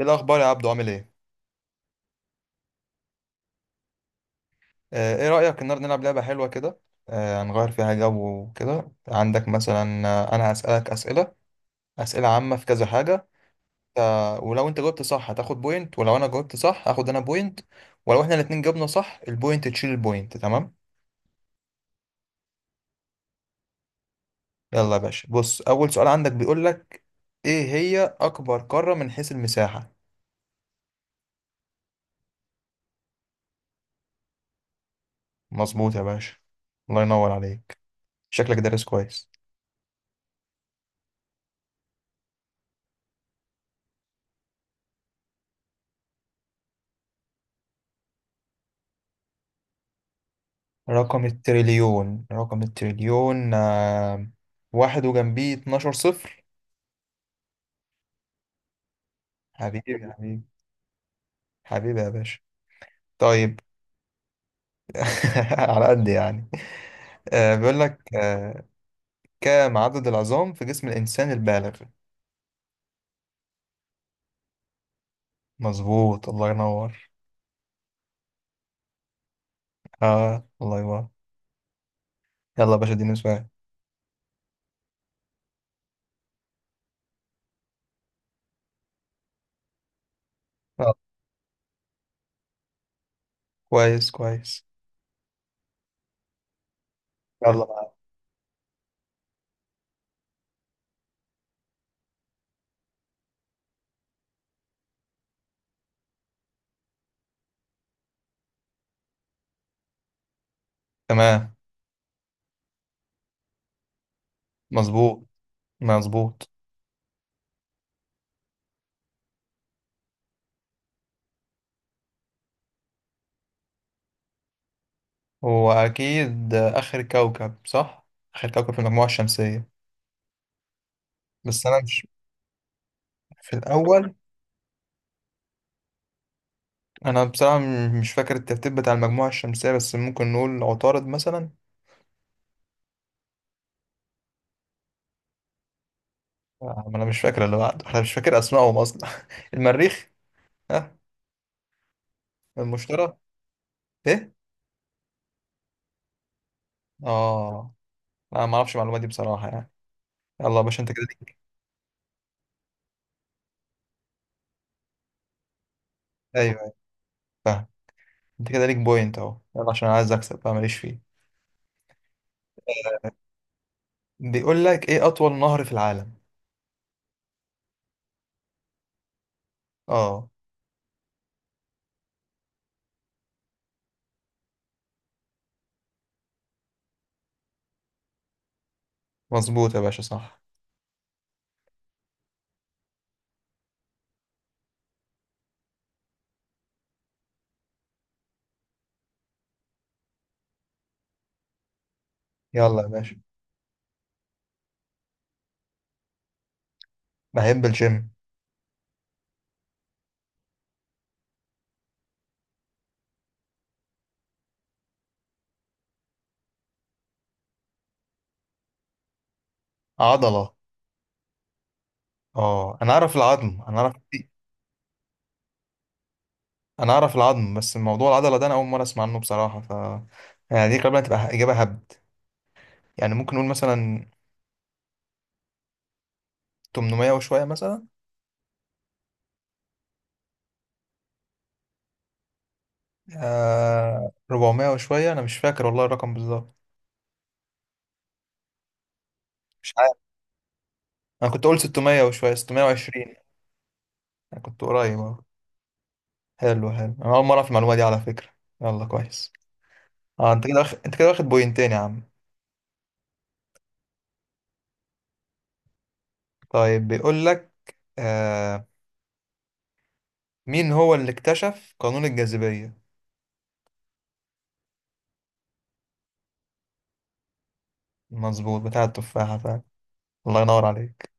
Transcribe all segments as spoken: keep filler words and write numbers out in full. ايه الاخبار يا عبدو عامل ايه؟ آه، ايه رايك النهارده نلعب لعبه حلوه كده. آه، هنغير فيها جو وكده. عندك مثلا، آه، انا هسالك اسئله، اسئله عامه في كذا حاجه. آه، ولو انت جاوبت صح هتاخد بوينت، ولو انا جاوبت صح هاخد انا بوينت. ولو احنا الاتنين جاوبنا صح البوينت تشيل البوينت. تمام؟ يلا يا باشا، بص اول سؤال عندك بيقول لك ايه هي اكبر قاره من حيث المساحه. مظبوط يا باشا. الله ينور عليك. شكلك دارس كويس. رقم التريليون رقم التريليون آه، واحد وجنبيه اتناشر صفر. حبيبي يا حبيبي. حبيبي يا باشا. طيب. على قد يعني. آه، بيقول لك آه، كم عدد العظام في جسم الإنسان البالغ؟ مظبوط. الله ينور. اه، الله ينور. يلا يا باشا، اديني سؤال. آه، كويس كويس. يلا بقى. تمام. مظبوط. مظبوط. هو أكيد آخر كوكب، صح؟ آخر كوكب في المجموعة الشمسية. بس أنا مش. في الأول. أنا بصراحة م- مش فاكر الترتيب بتاع المجموعة الشمسية، بس ممكن نقول عطارد مثلا. آه، ما أنا مش فاكر اللي بعده. أنا مش فاكر أسمائهم أصلا. المريخ. ها. المشتري. إيه؟ آه. أنا ما أعرفش المعلومات دي بصراحة يعني. يلا يا باشا، أنت كده ليك. أيوه أيوه. فاهم. أنت كده ليك بوينت أهو، يلا عشان أنا عايز أكسب بقى، ماليش فيه. بيقول لك إيه أطول نهر في العالم؟ آه. مظبوط يا باشا، صح. يلا يا باشا. بحب الجيم. عضلة. آه، أنا أعرف العظم، أنا أعرف. انا اعرف العظم، بس موضوع العضله ده انا اول مره اسمع عنه بصراحه، ف يعني دي غالبا هتبقى اجابه هبد. يعني ممكن نقول مثلا ثمنمية وشويه مثلا. آه اربعمائة وشويه، انا مش فاكر والله الرقم بالظبط. مش عارف. انا كنت اقول ستمية وشويه، ستمية وعشرين. انا كنت قريب اهو. حلو حلو، انا اول مره اعرف المعلومه دي على فكره. يلا كويس. اه انت كده واخد، انت كده واخد بوينتين يا عم. طيب بيقول لك آه، مين هو اللي اكتشف قانون الجاذبيه؟ مظبوط، بتاع التفاحه فعلا. الله ينور عليك.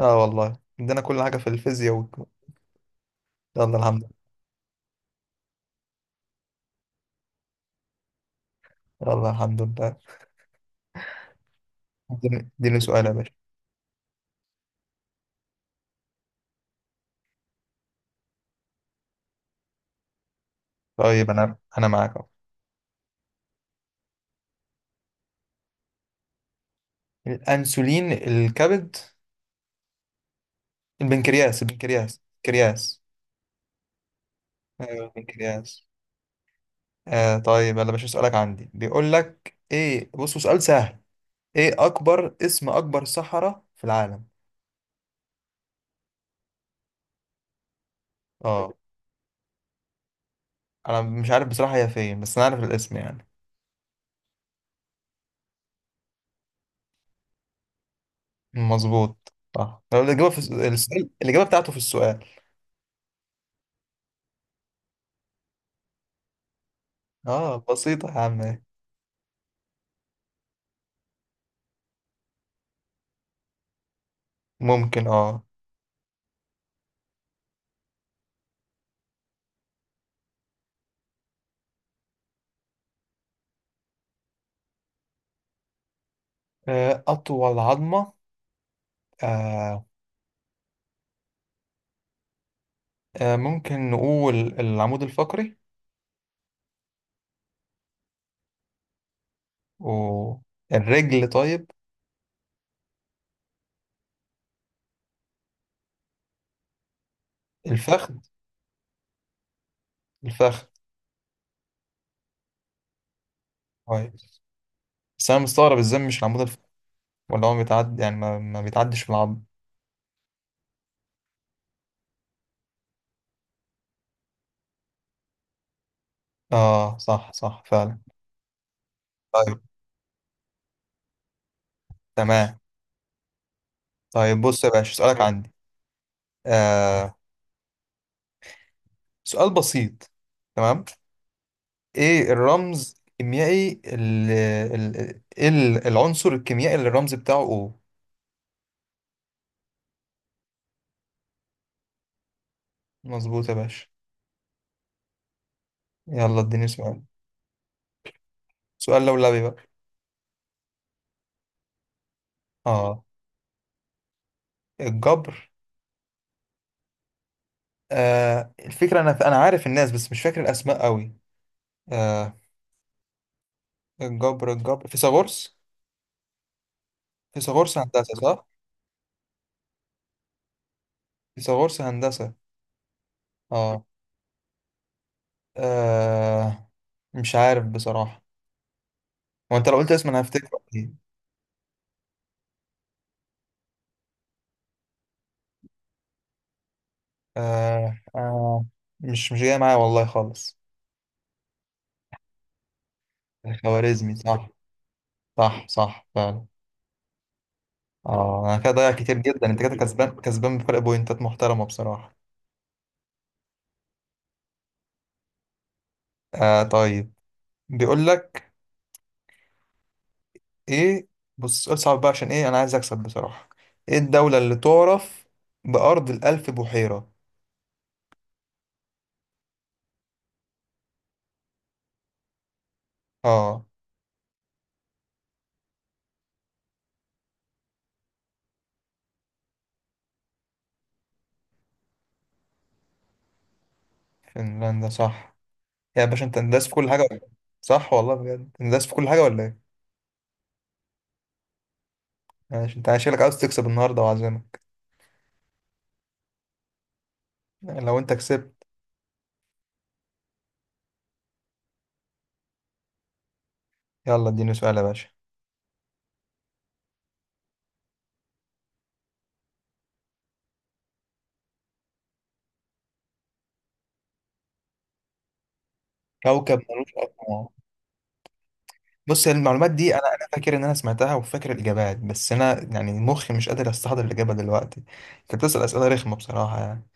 اه والله، عندنا كل حاجة في الفيزياء والك- يلا الحمد لله. يلا الحمد لله. اديني اديني سؤال يا باشا. طيب، انا انا معاك اهو. الانسولين، الكبد، البنكرياس، البنكرياس، البنكرياس. ايوه البنكرياس. آه طيب، يلا يا باشا، سؤالك عندي بيقول لك ايه. بصوا سؤال سهل. ايه اكبر اسم اكبر صحراء في العالم؟ اه، انا مش عارف بصراحة هي فين، بس انا عارف الاسم يعني. مظبوط صح. لو الاجابة في الس- السؤال، الاجابة بتاعته في السؤال. اه بسيطة يا عم. ممكن، اه. آه، أطول عظمة. آه، آه، ممكن نقول العمود الفقري. والرجل طيب. الفخذ. الفخذ. طيب. بس أنا مستغرب إزاي مش العمود الفقري، ولا هو بيتعدي يعني ما, ما بيتعدش في العظم. آه صح صح فعلا. طيب. تمام. طيب، بص يا باشا سؤالك عندي. آه سؤال بسيط. تمام. إيه الرمز الكيميائي ال- ال- إيه ال- العنصر الكيميائي اللي الرمز بتاعه O؟ مظبوط يا باشا. يلا اديني سؤال. سؤال لولبي بقى. اه الجبر. آه الفكرة، انا انا عارف الناس بس مش فاكر الاسماء قوي. آه الجبر الجبر فيثاغورس. فيثاغورس هندسة، صح. فيثاغورس هندسة. اه. آه. مش عارف بصراحة. هو انت لو قلت اسم انا هفتكره اكيد. آه. آه. مش مش جاي معايا والله خالص. خوارزمي، صح. صح صح فعلا. اه انا كده ضايع كتير جدا، انت كده كسبان كسبان بفرق بوينتات محترمة بصراحة. آه طيب، بيقول لك ايه. بص، سؤال صعب بقى عشان ايه، انا عايز اكسب بصراحة. ايه الدولة اللي تعرف بأرض الألف بحيرة؟ اه فنلندا صح. يا باشا انت انداس في كل حاجة ولا إيه؟ صح والله بجد، انداس في كل حاجة ولا ايه. ماشي، انت شكلك عاوز تكسب النهاردة وعزمك. لو انت كسبت. يلا اديني سؤال يا باشا. كوكب ملوش اقمار. بص المعلومات دي، انا انا فاكر ان انا سمعتها وفاكر الاجابات، بس انا يعني مخي مش قادر استحضر الاجابه دلوقتي. انت بتسال اسئله رخمه بصراحه يعني.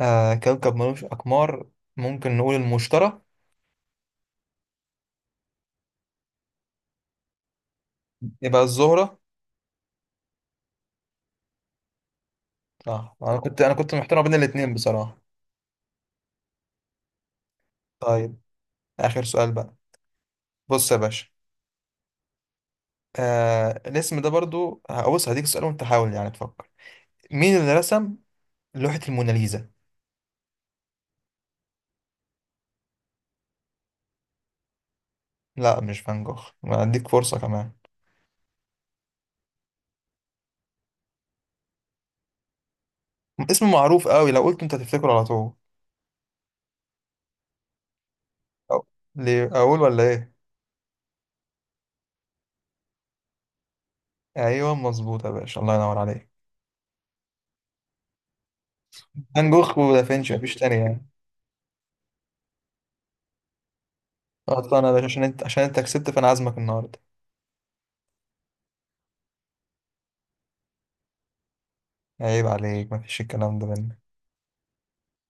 آه كوكب ملوش اقمار. ممكن نقول المشتري. يبقى الزهرة. اه انا كنت انا كنت محتار ما بين الاتنين بصراحة. طيب، اخر سؤال بقى. بص يا باشا. آه الاسم ده برضو هبص هديك سؤال، وانت حاول يعني تفكر. مين اللي رسم لوحة الموناليزا؟ لا مش فان جوخ، ما هديك فرصة كمان. اسم معروف قوي لو قلت انت هتفتكره على طول. أو- ليه اقول ولا ايه؟ ايوه مظبوط يا باشا، الله ينور عليك. فان جوخ ودافنشي مفيش تاني يعني. اصلا انا يا باشا، عشان انت، عشان انت كسبت فانا عازمك النهارده. عيب عليك، مفيش الكلام ده مني.